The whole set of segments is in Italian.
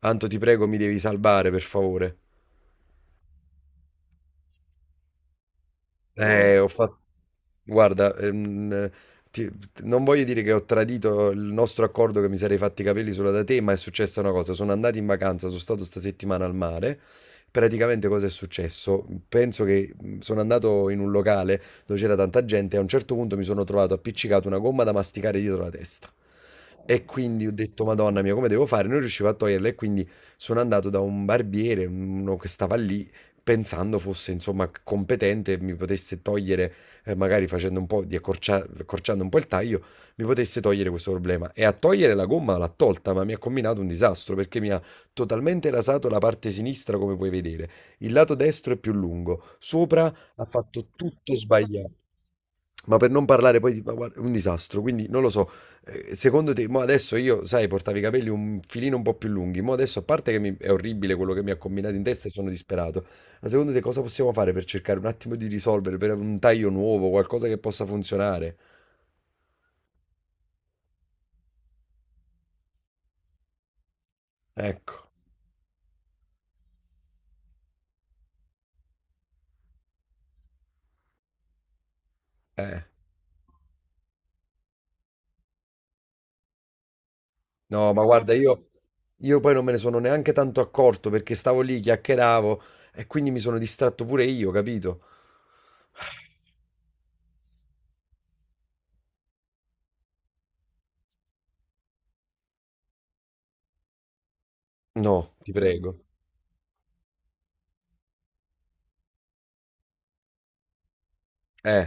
Anto, ti prego, mi devi salvare, per favore. Ho fatto Guarda, ti- non voglio dire che ho tradito il nostro accordo che mi sarei fatti i capelli solo da te, ma è successa una cosa. Sono andato in vacanza, sono stato sta settimana al mare. Praticamente cosa è successo? Penso che sono andato in un locale dove c'era tanta gente e a un certo punto mi sono trovato appiccicato una gomma da masticare dietro la testa. E quindi ho detto, Madonna mia, come devo fare? Non riuscivo a toglierla e quindi sono andato da un barbiere, uno che stava lì, pensando fosse, insomma, competente e mi potesse togliere magari facendo un po' di accorciando un po' il taglio, mi potesse togliere questo problema. E a togliere la gomma l'ha tolta, ma mi ha combinato un disastro perché mi ha totalmente rasato la parte sinistra, come puoi vedere. Il lato destro è più lungo, sopra ha fatto tutto sbagliato. Ma per non parlare poi di ma guarda, un disastro, quindi non lo so, secondo te, mo adesso io, sai, portavo i capelli un filino un po' più lunghi, mo adesso a parte che è orribile quello che mi ha combinato in testa e sono disperato, ma secondo te cosa possiamo fare per cercare un attimo di risolvere, per un taglio nuovo, qualcosa che possa funzionare? Ecco, eh. No, ma guarda, io, poi non me ne sono neanche tanto accorto perché stavo lì, chiacchieravo e quindi mi sono distratto pure io, capito? No, ti prego. Eh.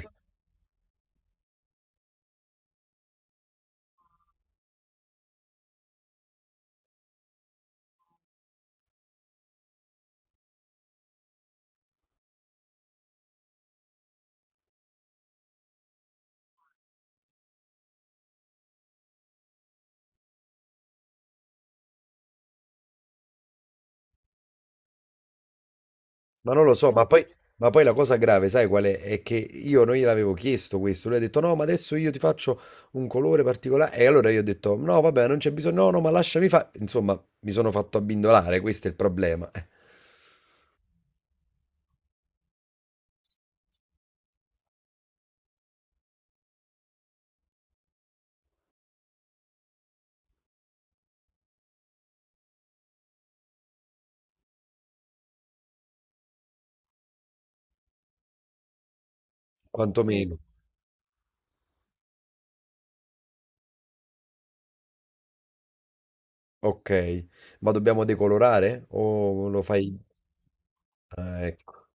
Ma non lo so, ma poi la cosa grave, sai qual è? È che io non gliel'avevo chiesto questo. Lui ha detto: No, ma adesso io ti faccio un colore particolare. E allora io ho detto: No, vabbè, non c'è bisogno. No, no, ma lasciami fare. Insomma, mi sono fatto abbindolare. Questo è il problema. Sì. Quantomeno. Ok, ma dobbiamo decolorare? O lo fai? Ah, ecco.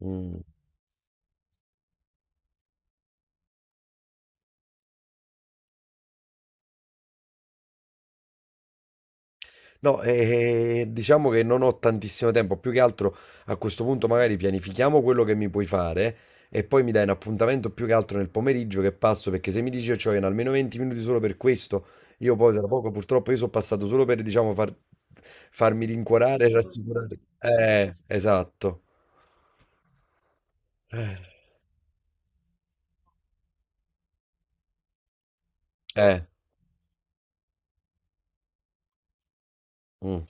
Mm. No, diciamo che non ho tantissimo tempo, più che altro a questo punto magari pianifichiamo quello che mi puoi fare e poi mi dai un appuntamento più che altro nel pomeriggio che passo, perché se mi dici che in almeno 20 minuti solo per questo, io poi tra poco purtroppo io sono passato solo per, diciamo, farmi rincuorare e rassicurare. Esatto. Eh, eh, mm,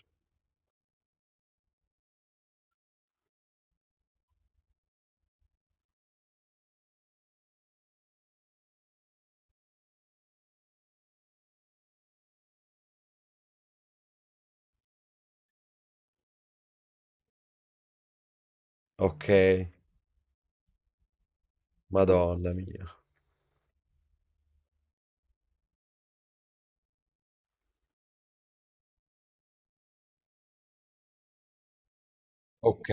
ok, Madonna mia. Ok,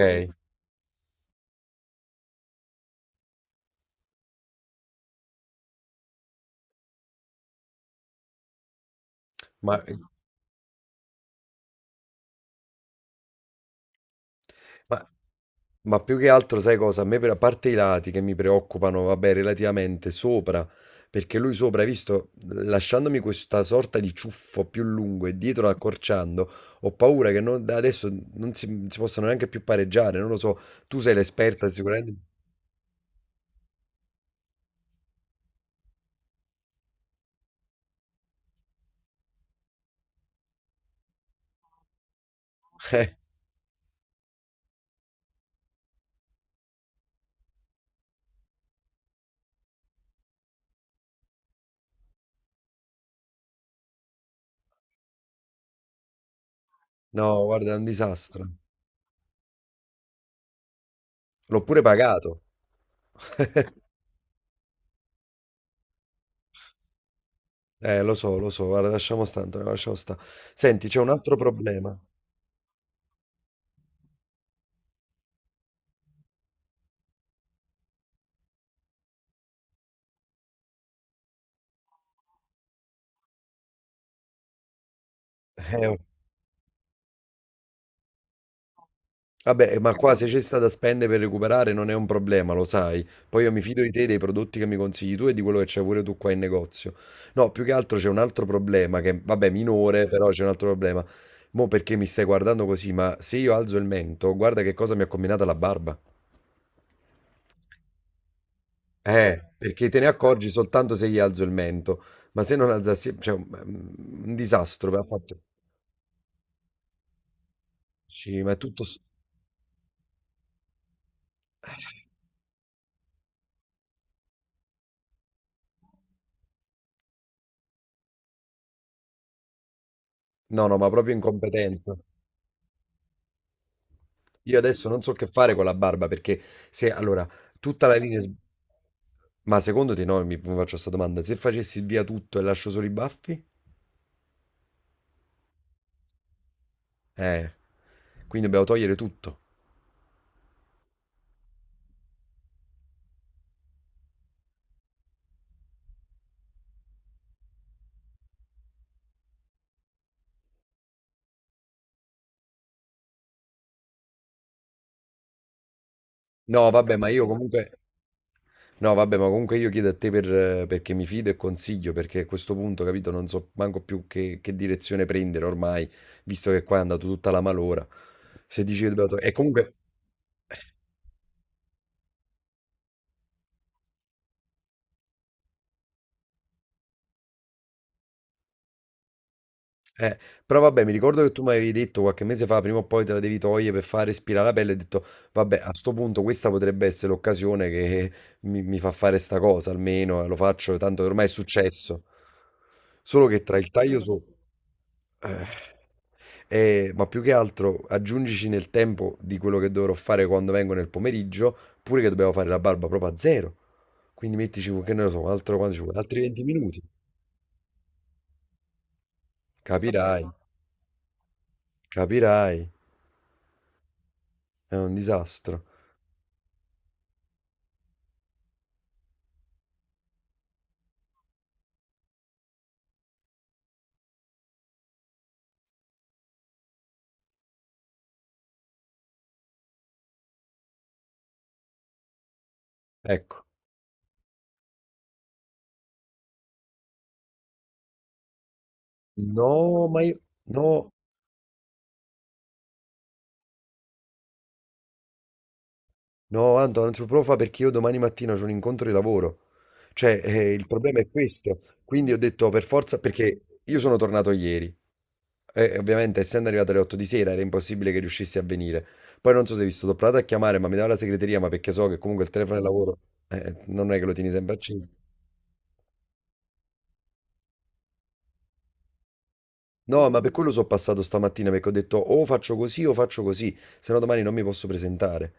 ma, ma Ma più che altro, sai cosa? A me, per, a parte i lati che mi preoccupano, vabbè, relativamente sopra, perché lui sopra, hai visto, lasciandomi questa sorta di ciuffo più lungo e dietro accorciando, ho paura che da adesso non si possano neanche più pareggiare. Non lo so, tu sei l'esperta sicuramente. Eh, no, guarda, è un disastro. L'ho pure pagato. Lo so, guarda, lasciamo stare, Antonio, lasciamo stare. Senti, c'è un altro problema. Eh, Vabbè, ma qua, ecco, se c'è sta da spendere per recuperare non è un problema, lo sai. Poi io mi fido di te, dei prodotti che mi consigli tu e di quello che c'è pure tu qua in negozio. No, più che altro c'è un altro problema che, vabbè, minore, però c'è un altro problema. Mo' perché mi stai guardando così, ma se io alzo il mento, guarda che cosa mi ha combinato la barba. Perché te ne accorgi soltanto se gli alzo il mento, ma se non alzassi, cioè, un disastro, ha fatto. Sì, ma è tutto. No, no, ma proprio incompetenza. Io adesso non so che fare con la barba perché se allora tutta la linea. Ma secondo te no? Mi faccio questa domanda. Se facessi via tutto e lascio solo i baffi? Eh, quindi dobbiamo togliere tutto. No, vabbè, ma io comunque. No, vabbè, ma comunque io chiedo a te per, perché mi fido e consiglio, perché a questo punto, capito, non so manco più che direzione prendere ormai, visto che qua è andato tutta la malora. Se dici che dobbiamo togliere. E comunque. Eh, però vabbè, mi ricordo che tu mi avevi detto qualche mese fa, prima o poi te la devi togliere per fare respirare la pelle, e ho detto, vabbè, a sto punto questa potrebbe essere l'occasione che mi fa fare sta cosa, almeno lo faccio, tanto ormai è successo. Solo che tra il taglio sopra. Ma più che altro aggiungici nel tempo di quello che dovrò fare quando vengo nel pomeriggio, pure che dobbiamo fare la barba proprio a zero. Quindi mettici, che ne lo so, altro, quanto ci vuole? Altri 20 minuti. Capirai, capirai, è un disastro. Ecco. No, ma io. No, no, Anto, non si può fare perché io domani mattina ho un incontro di lavoro. Cioè, il problema è questo. Quindi ho detto per forza, perché io sono tornato ieri. E ovviamente, essendo arrivato alle 8 di sera, era impossibile che riuscissi a venire. Poi non so se hai visto, ho provato a chiamare, ma mi dava la segreteria, ma perché so che comunque il telefono è lavoro, non è che lo tieni sempre acceso. No, ma per quello sono passato stamattina perché ho detto o faccio così, se no domani non mi posso presentare.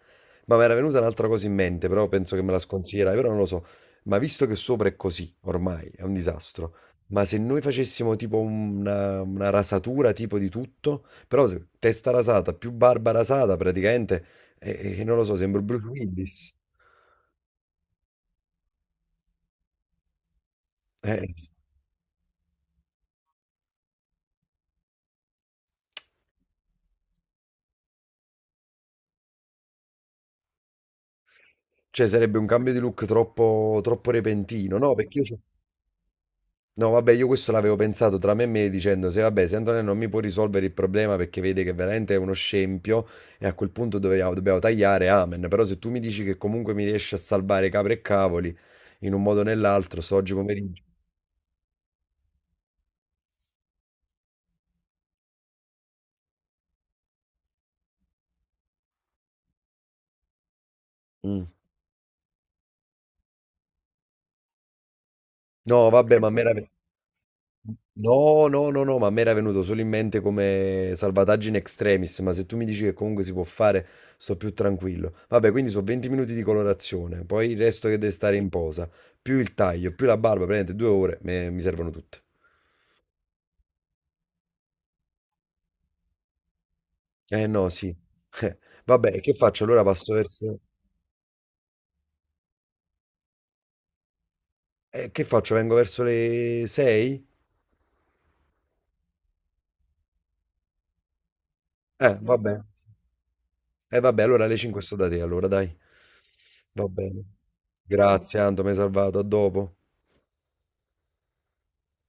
Ma mi era venuta un'altra cosa in mente, però penso che me la sconsiglierai, però non lo so. Ma visto che sopra è così, ormai è un disastro. Ma se noi facessimo tipo una rasatura tipo di tutto, però testa rasata, più barba rasata praticamente, e non lo so, sembro Bruce Willis. Eh, cioè sarebbe un cambio di look troppo, troppo repentino, no? Perché io so. No, vabbè, io questo l'avevo pensato tra me e me dicendo se vabbè, se Antonello non mi può risolvere il problema perché vede che veramente è uno scempio e a quel punto dobbiamo, tagliare, amen. Però se tu mi dici che comunque mi riesci a salvare capre e cavoli in un modo o nell'altro, so oggi pomeriggio. Mm. No, vabbè, ma meraviglioso. No, no, no, no, ma a me era venuto solo in mente come salvataggio in extremis, ma se tu mi dici che comunque si può fare, sto più tranquillo. Vabbè, quindi sono 20 minuti di colorazione, poi il resto che deve stare in posa, più il taglio, più la barba, praticamente 2 ore, mi servono tutte. Eh no, sì. Eh, vabbè, e che faccio? Allora passo verso. Che faccio? Vengo verso le 6? Vabbè. Vabbè, allora alle 5 sto da te, allora dai. Va bene. Grazie, Anto, mi hai salvato, a dopo.